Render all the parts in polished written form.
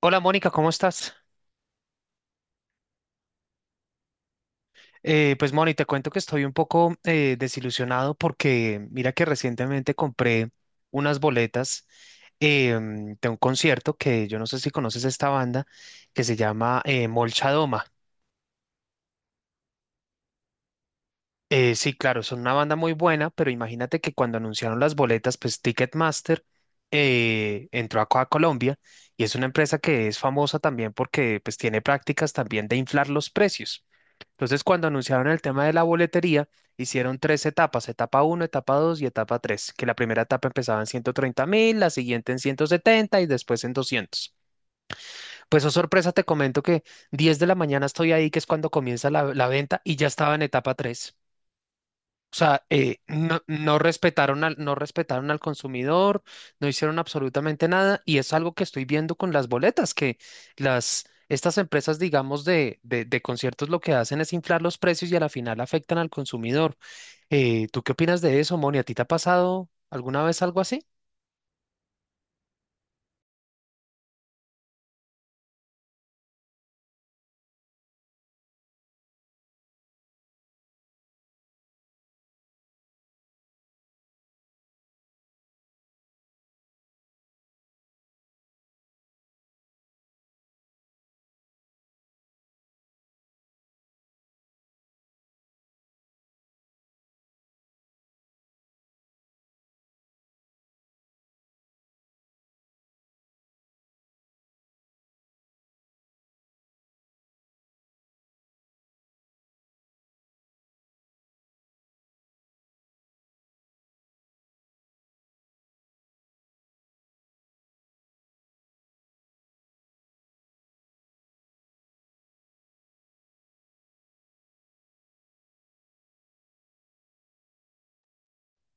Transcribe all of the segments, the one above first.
Hola Mónica, ¿cómo estás? Pues Mónica, te cuento que estoy un poco desilusionado porque mira que recientemente compré unas boletas de un concierto que yo no sé si conoces esta banda que se llama Molchadoma. Sí, claro, son una banda muy buena, pero imagínate que cuando anunciaron las boletas, pues Ticketmaster entró acá a Colombia y es una empresa que es famosa también porque pues tiene prácticas también de inflar los precios. Entonces, cuando anunciaron el tema de la boletería, hicieron tres etapas, etapa uno, etapa 2 y etapa tres, que la primera etapa empezaba en 130 mil, la siguiente en 170 y después en 200. Pues, oh sorpresa, te comento que 10 de la mañana estoy ahí, que es cuando comienza la venta, y ya estaba en etapa 3. O sea, no, no respetaron al consumidor, no hicieron absolutamente nada, y es algo que estoy viendo con las boletas, que estas empresas, digamos, de conciertos lo que hacen es inflar los precios y a la final afectan al consumidor. ¿Tú qué opinas de eso, Moni? ¿A ti te ha pasado alguna vez algo así?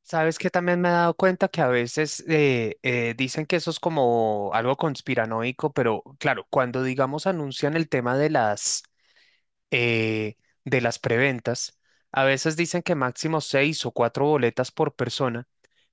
Sabes que también me he dado cuenta que a veces dicen que eso es como algo conspiranoico, pero claro, cuando digamos anuncian el tema de eh, las preventas. A veces dicen que máximo seis o cuatro boletas por persona,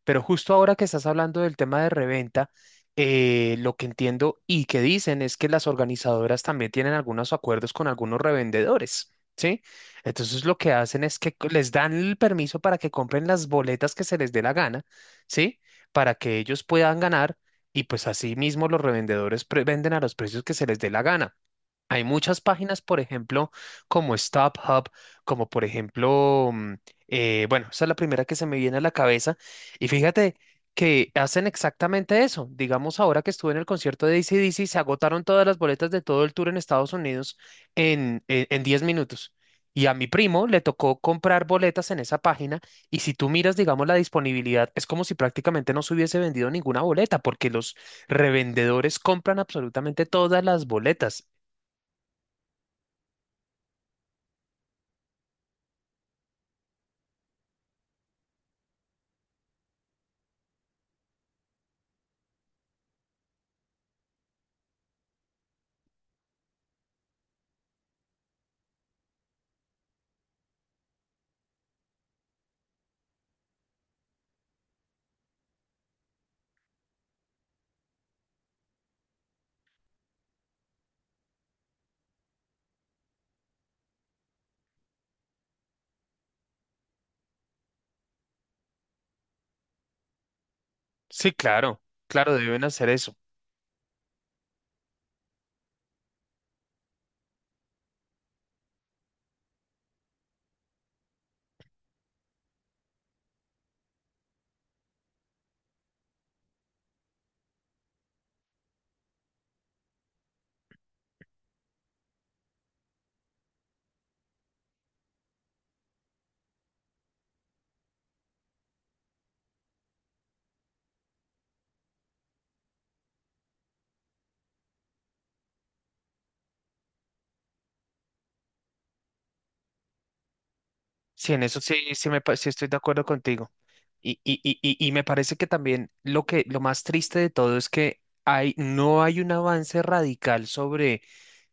pero justo ahora que estás hablando del tema de reventa, lo que entiendo y que dicen es que las organizadoras también tienen algunos acuerdos con algunos revendedores, ¿sí? Entonces lo que hacen es que les dan el permiso para que compren las boletas que se les dé la gana, ¿sí? Para que ellos puedan ganar y pues así mismo los revendedores venden a los precios que se les dé la gana. Hay muchas páginas, por ejemplo, como Stop Hub, como por ejemplo, bueno, esa es la primera que se me viene a la cabeza. Y fíjate que hacen exactamente eso. Digamos, ahora que estuve en el concierto de AC/DC, se agotaron todas las boletas de todo el tour en Estados Unidos en 10 minutos. Y a mi primo le tocó comprar boletas en esa página. Y si tú miras, digamos, la disponibilidad, es como si prácticamente no se hubiese vendido ninguna boleta, porque los revendedores compran absolutamente todas las boletas. Sí, claro, claro, deben hacer eso. Sí, en eso sí, sí, sí estoy de acuerdo contigo. Y me parece que también lo que, lo más triste de todo es que hay, no hay un avance radical sobre,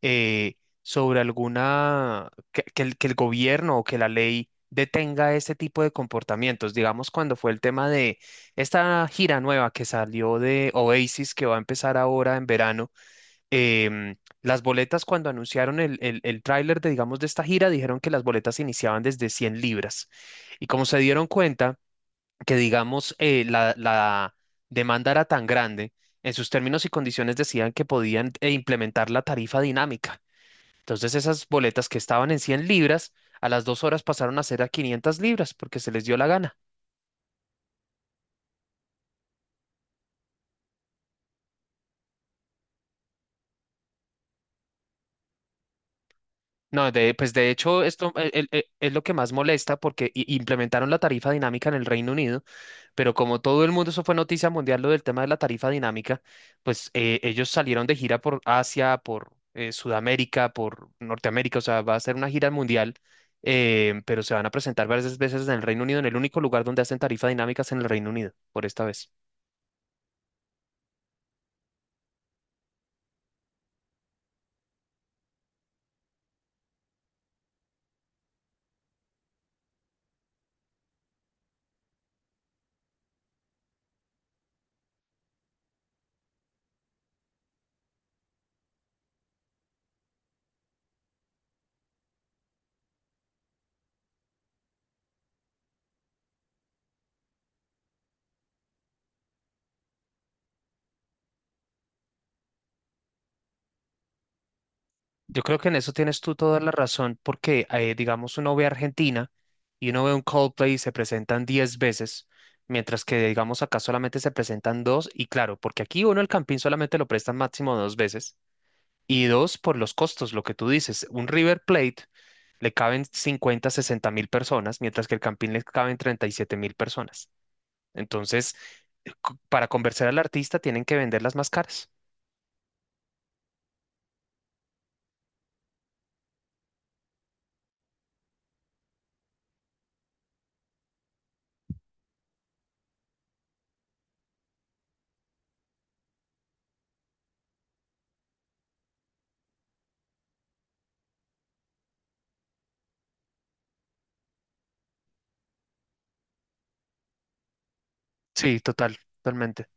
eh, sobre alguna, que el gobierno o que la ley detenga este tipo de comportamientos. Digamos, cuando fue el tema de esta gira nueva que salió de Oasis, que va a empezar ahora en verano. Em, las boletas cuando anunciaron el tráiler de, digamos, de esta gira, dijeron que las boletas iniciaban desde 100 libras. Y como se dieron cuenta que, digamos, la demanda era tan grande, en sus términos y condiciones decían que podían implementar la tarifa dinámica. Entonces esas boletas que estaban en 100 libras, a las 2 horas pasaron a ser a 500 libras porque se les dio la gana. No, pues de hecho esto es lo que más molesta porque implementaron la tarifa dinámica en el Reino Unido. Pero como todo el mundo, eso fue noticia mundial, lo del tema de la tarifa dinámica, pues ellos salieron de gira por Asia, por Sudamérica, por Norteamérica, o sea, va a ser una gira mundial, pero se van a presentar varias veces en el Reino Unido, en el único lugar donde hacen tarifa dinámica es en el Reino Unido, por esta vez. Yo creo que en eso tienes tú toda la razón, porque digamos, uno ve a Argentina y uno ve un Coldplay y se presentan 10 veces, mientras que digamos acá solamente se presentan dos, y claro, porque aquí uno el Campín solamente lo prestan máximo dos veces. Y dos, por los costos, lo que tú dices, un River Plate le caben 50-60 mil personas, mientras que el Campín le caben 37 mil personas. Entonces, c- para convencer al artista tienen que venderlas más caras. Sí, total, totalmente.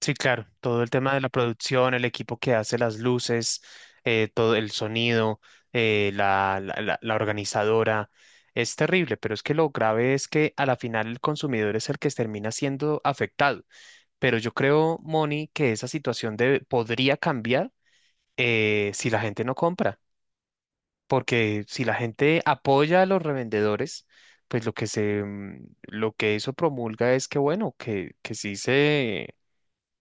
Sí, claro, todo el tema de la producción, el equipo que hace las luces, todo el sonido, la organizadora, es terrible, pero es que lo grave es que a la final el consumidor es el que termina siendo afectado. Pero yo creo, Moni, que esa situación podría cambiar si la gente no compra, porque si la gente apoya a los revendedores, pues lo que eso promulga es que, bueno, que sí se,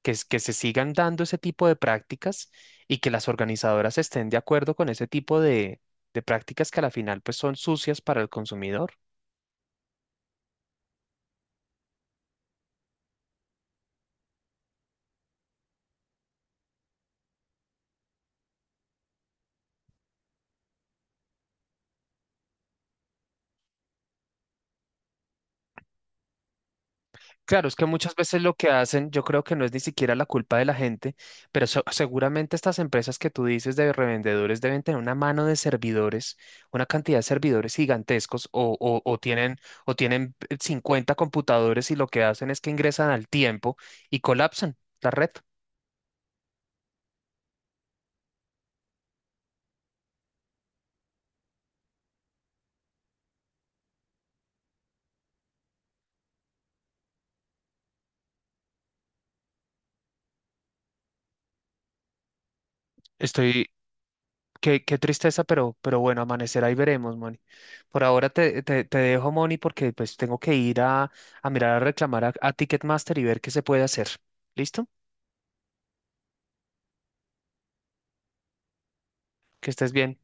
que se sigan dando ese tipo de prácticas y que las organizadoras estén de acuerdo con ese tipo de prácticas que a la final pues son sucias para el consumidor. Claro, es que muchas veces lo que hacen, yo creo que no es ni siquiera la culpa de la gente, pero seguramente estas empresas que tú dices de revendedores deben tener una mano de servidores, una cantidad de servidores gigantescos o tienen 50 computadores y lo que hacen es que ingresan al tiempo y colapsan la red. Estoy, qué tristeza, pero bueno, amanecerá y veremos, Moni. Por ahora te dejo, Moni, porque pues tengo que ir a mirar a reclamar a Ticketmaster y ver qué se puede hacer. ¿Listo? Que estés bien.